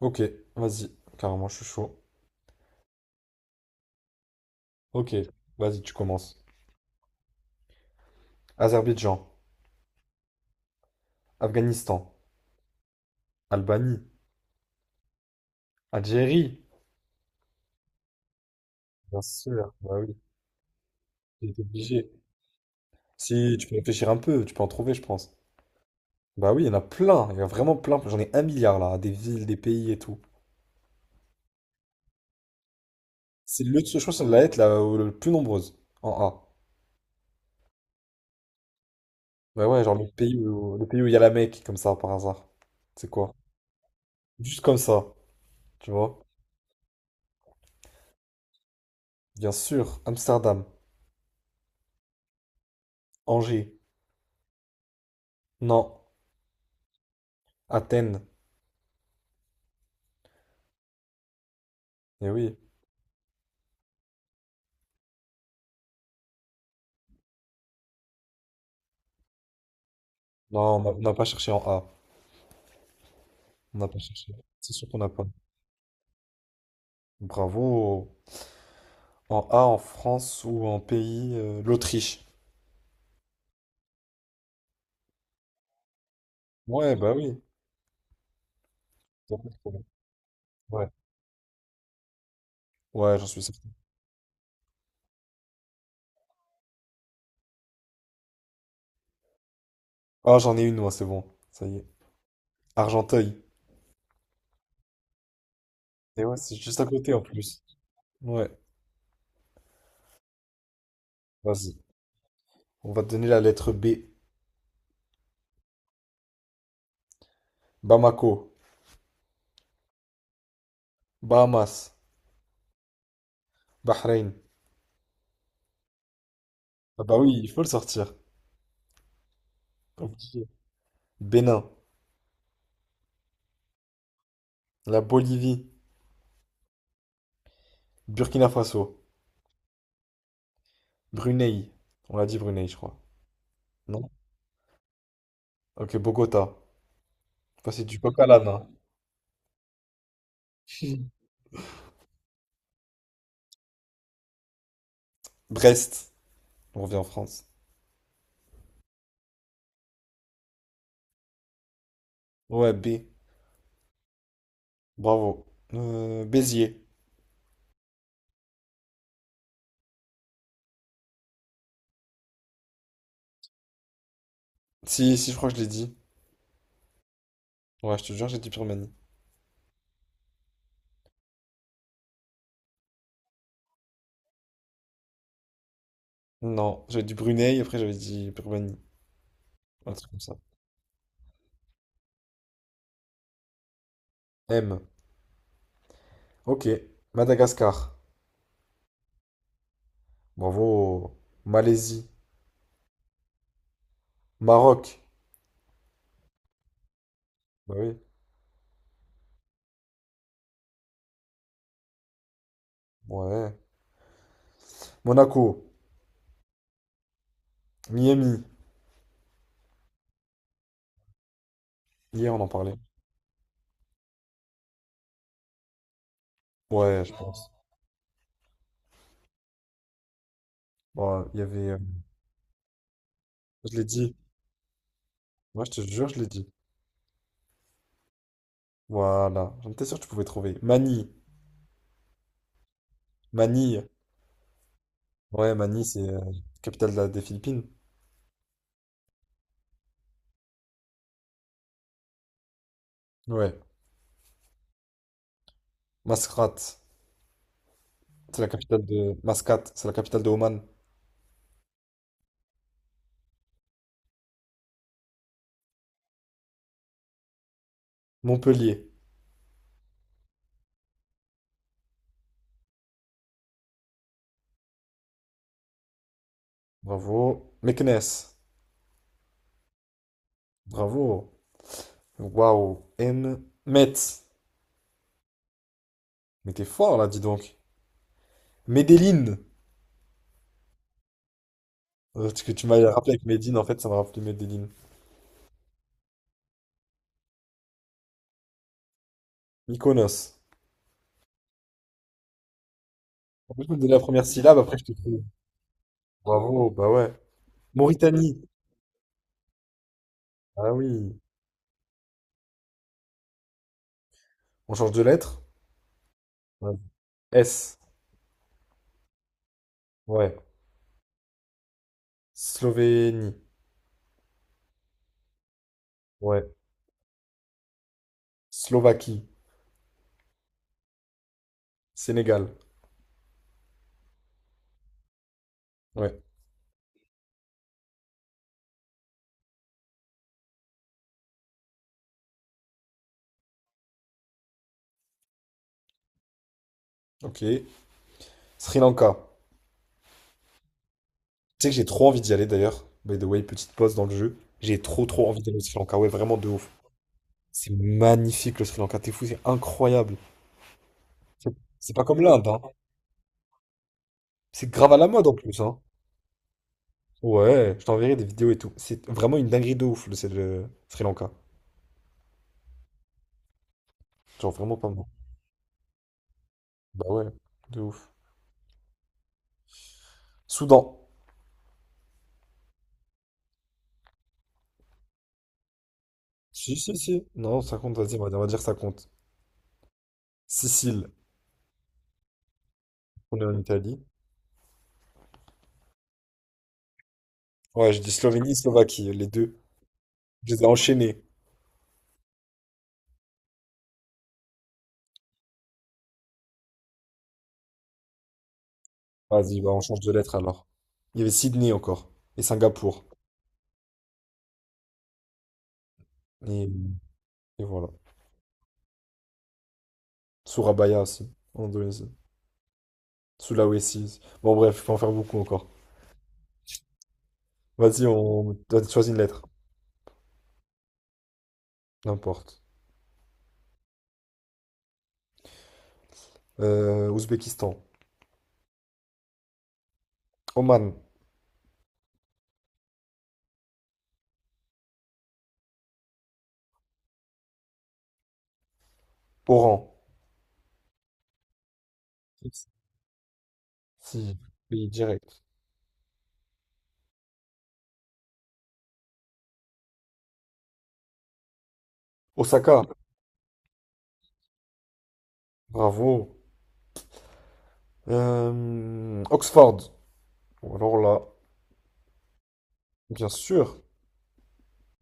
Ok, vas-y, carrément, je suis chaud. Ok, vas-y, tu commences. Azerbaïdjan, Afghanistan, Albanie, Algérie. Bien sûr, bah oui, j'ai obligé. Si, tu peux réfléchir un peu, tu peux en trouver, je pense. Bah oui, il y en a plein, il y en a vraiment plein. J'en ai un milliard là, des villes, des pays et tout. Je crois que c'est la lettre la le plus nombreuse, en A. Bah ouais, genre le pays où il y a la Mecque, comme ça, par hasard. C'est quoi? Juste comme ça, tu vois. Bien sûr, Amsterdam, Angers, Nantes, Athènes. Eh oui. Non, on n'a pas cherché en A. On n'a pas cherché. C'est sûr qu'on n'a pas. Bravo. En A, en France ou en pays, l'Autriche. Ouais, bah oui. T'as pas de problème. Ouais, ouais, j'en suis certain. Ah, j'en ai une, moi, c'est bon. Ça y est. Argenteuil. Et ouais, c'est juste à côté en plus. Ouais, vas-y. On va te donner la lettre B. Bamako, Bahamas, Bahreïn. Ah bah oui, il faut le sortir. Obligé. Bénin, la Bolivie, Burkina Faso, Brunei. On l'a dit Brunei, je crois. Non? Ok, Bogota. Enfin, c'est du coq à l'âne, hein. Brest. On revient en France. Ouais, B. Bravo. Béziers. Si, si, je crois que je l'ai dit. Ouais, je te jure, j'ai dit Birmanie. Non, j'avais dit Brunei, après j'avais dit Birmanie. Un truc comme ça. M. Ok. Madagascar. Bravo. Malaisie. Maroc. Bah oui. Ouais. Monaco. Miami. Hier, on en parlait. Ouais, je pense. Ouais, il y avait. Je l'ai dit. Ouais, je te jure, je l'ai dit. Voilà. J'en étais sûr que tu pouvais trouver. Manille. Manille. Ouais, Manille, c'est capitale de des Philippines. Ouais. Mascate, c'est la capitale de... Mascate, c'est la capitale de Oman. Montpellier, bravo. Meknès, bravo. Waouh. Metz, mais t'es fort là, dis donc. Medellin, parce que tu m'as rappelé avec Medine, en fait, ça m'a rappelé Medellin. Mykonos. En plus, je me donnais la première syllabe, après je te trouve. Bravo, bah ouais. Mauritanie, ah oui. On change de lettre? Ouais. S, ouais. Slovénie, ouais. Slovaquie. Sénégal. Ouais. Ok. Sri Lanka. Tu sais que j'ai trop envie d'y aller d'ailleurs. By the way, petite pause dans le jeu. J'ai trop trop envie d'aller au Sri Lanka. Ouais, vraiment de ouf. C'est magnifique le Sri Lanka. T'es fou, c'est incroyable. C'est c'est pas comme l'Inde, hein. C'est grave à la mode en plus, hein. Ouais, je t'enverrai des vidéos et tout. C'est vraiment une dinguerie de ouf le, c'est le Sri Lanka. Genre vraiment pas mal. Bah ouais, de ouf. Soudan. Si, si, si. Non, ça compte, vas-y, on va dire ça compte. Sicile. On est en Italie. Ouais, je dis Slovénie, Slovaquie, les deux. Je les ai enchaînés. Vas-y, bah on change de lettre alors. Il y avait Sydney encore. Et Singapour. Et, et voilà. Surabaya aussi. En Indonésie. Sulawesi. Bon bref, je peux en faire beaucoup encore. Vas-y, on choisit une lettre. N'importe. Ouzbékistan. Oman. Oran. Si. Pays direct. Osaka. Bravo. Oxford. Bon, alors là, bien sûr.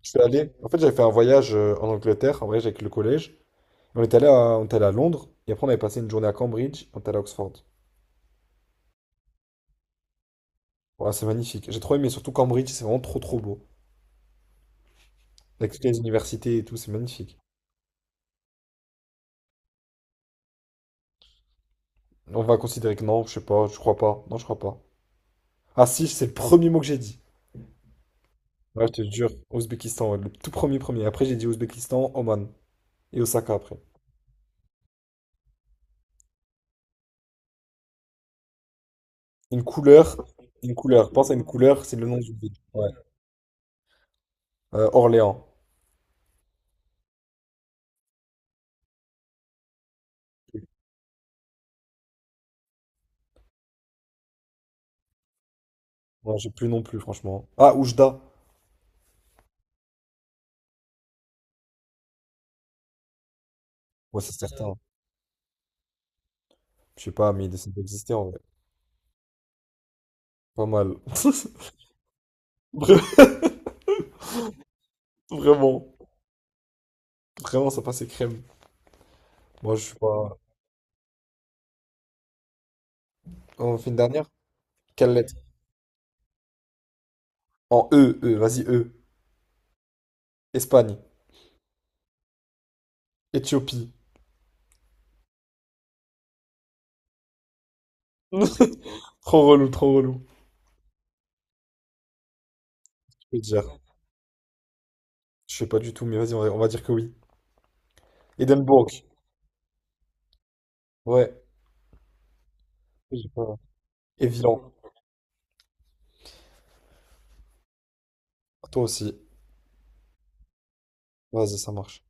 Je suis allé. En fait, j'avais fait un voyage en Angleterre, un voyage avec le collège. On est allé à Londres et après on avait passé une journée à Cambridge, on est allé à Oxford. Ouais, c'est magnifique. J'ai trop aimé, surtout Cambridge, c'est vraiment trop trop beau. Avec toutes les universités et tout, c'est magnifique. On va considérer que non, je sais pas, je crois pas. Non, je crois pas. Ah si, c'est le premier mot que j'ai dit. Ouais, je te jure, Ouzbékistan, ouais, le tout premier premier. Après j'ai dit Ouzbékistan, Oman et Osaka après. Une couleur, une couleur, pense à une couleur, c'est le nom du pays. Ouais. Orléans. Non, j'ai plus non plus, franchement. Ah, Oujda. Ouais, c'est certain. Je sais pas, mais il décide d'exister en vrai. Pas mal. Vraiment. Vraiment, ça passait crème. Moi, je suis pas. On fait une dernière? Quelle lettre? En E, E, vas-y, E. Espagne. Éthiopie. Trop relou, trop relou. Je peux dire. Je sais pas du tout, mais vas-y, on va dire que oui. Édimbourg. Ouais. J'ai pas- Et Vilan. Toi aussi. Vas-y, ça marche.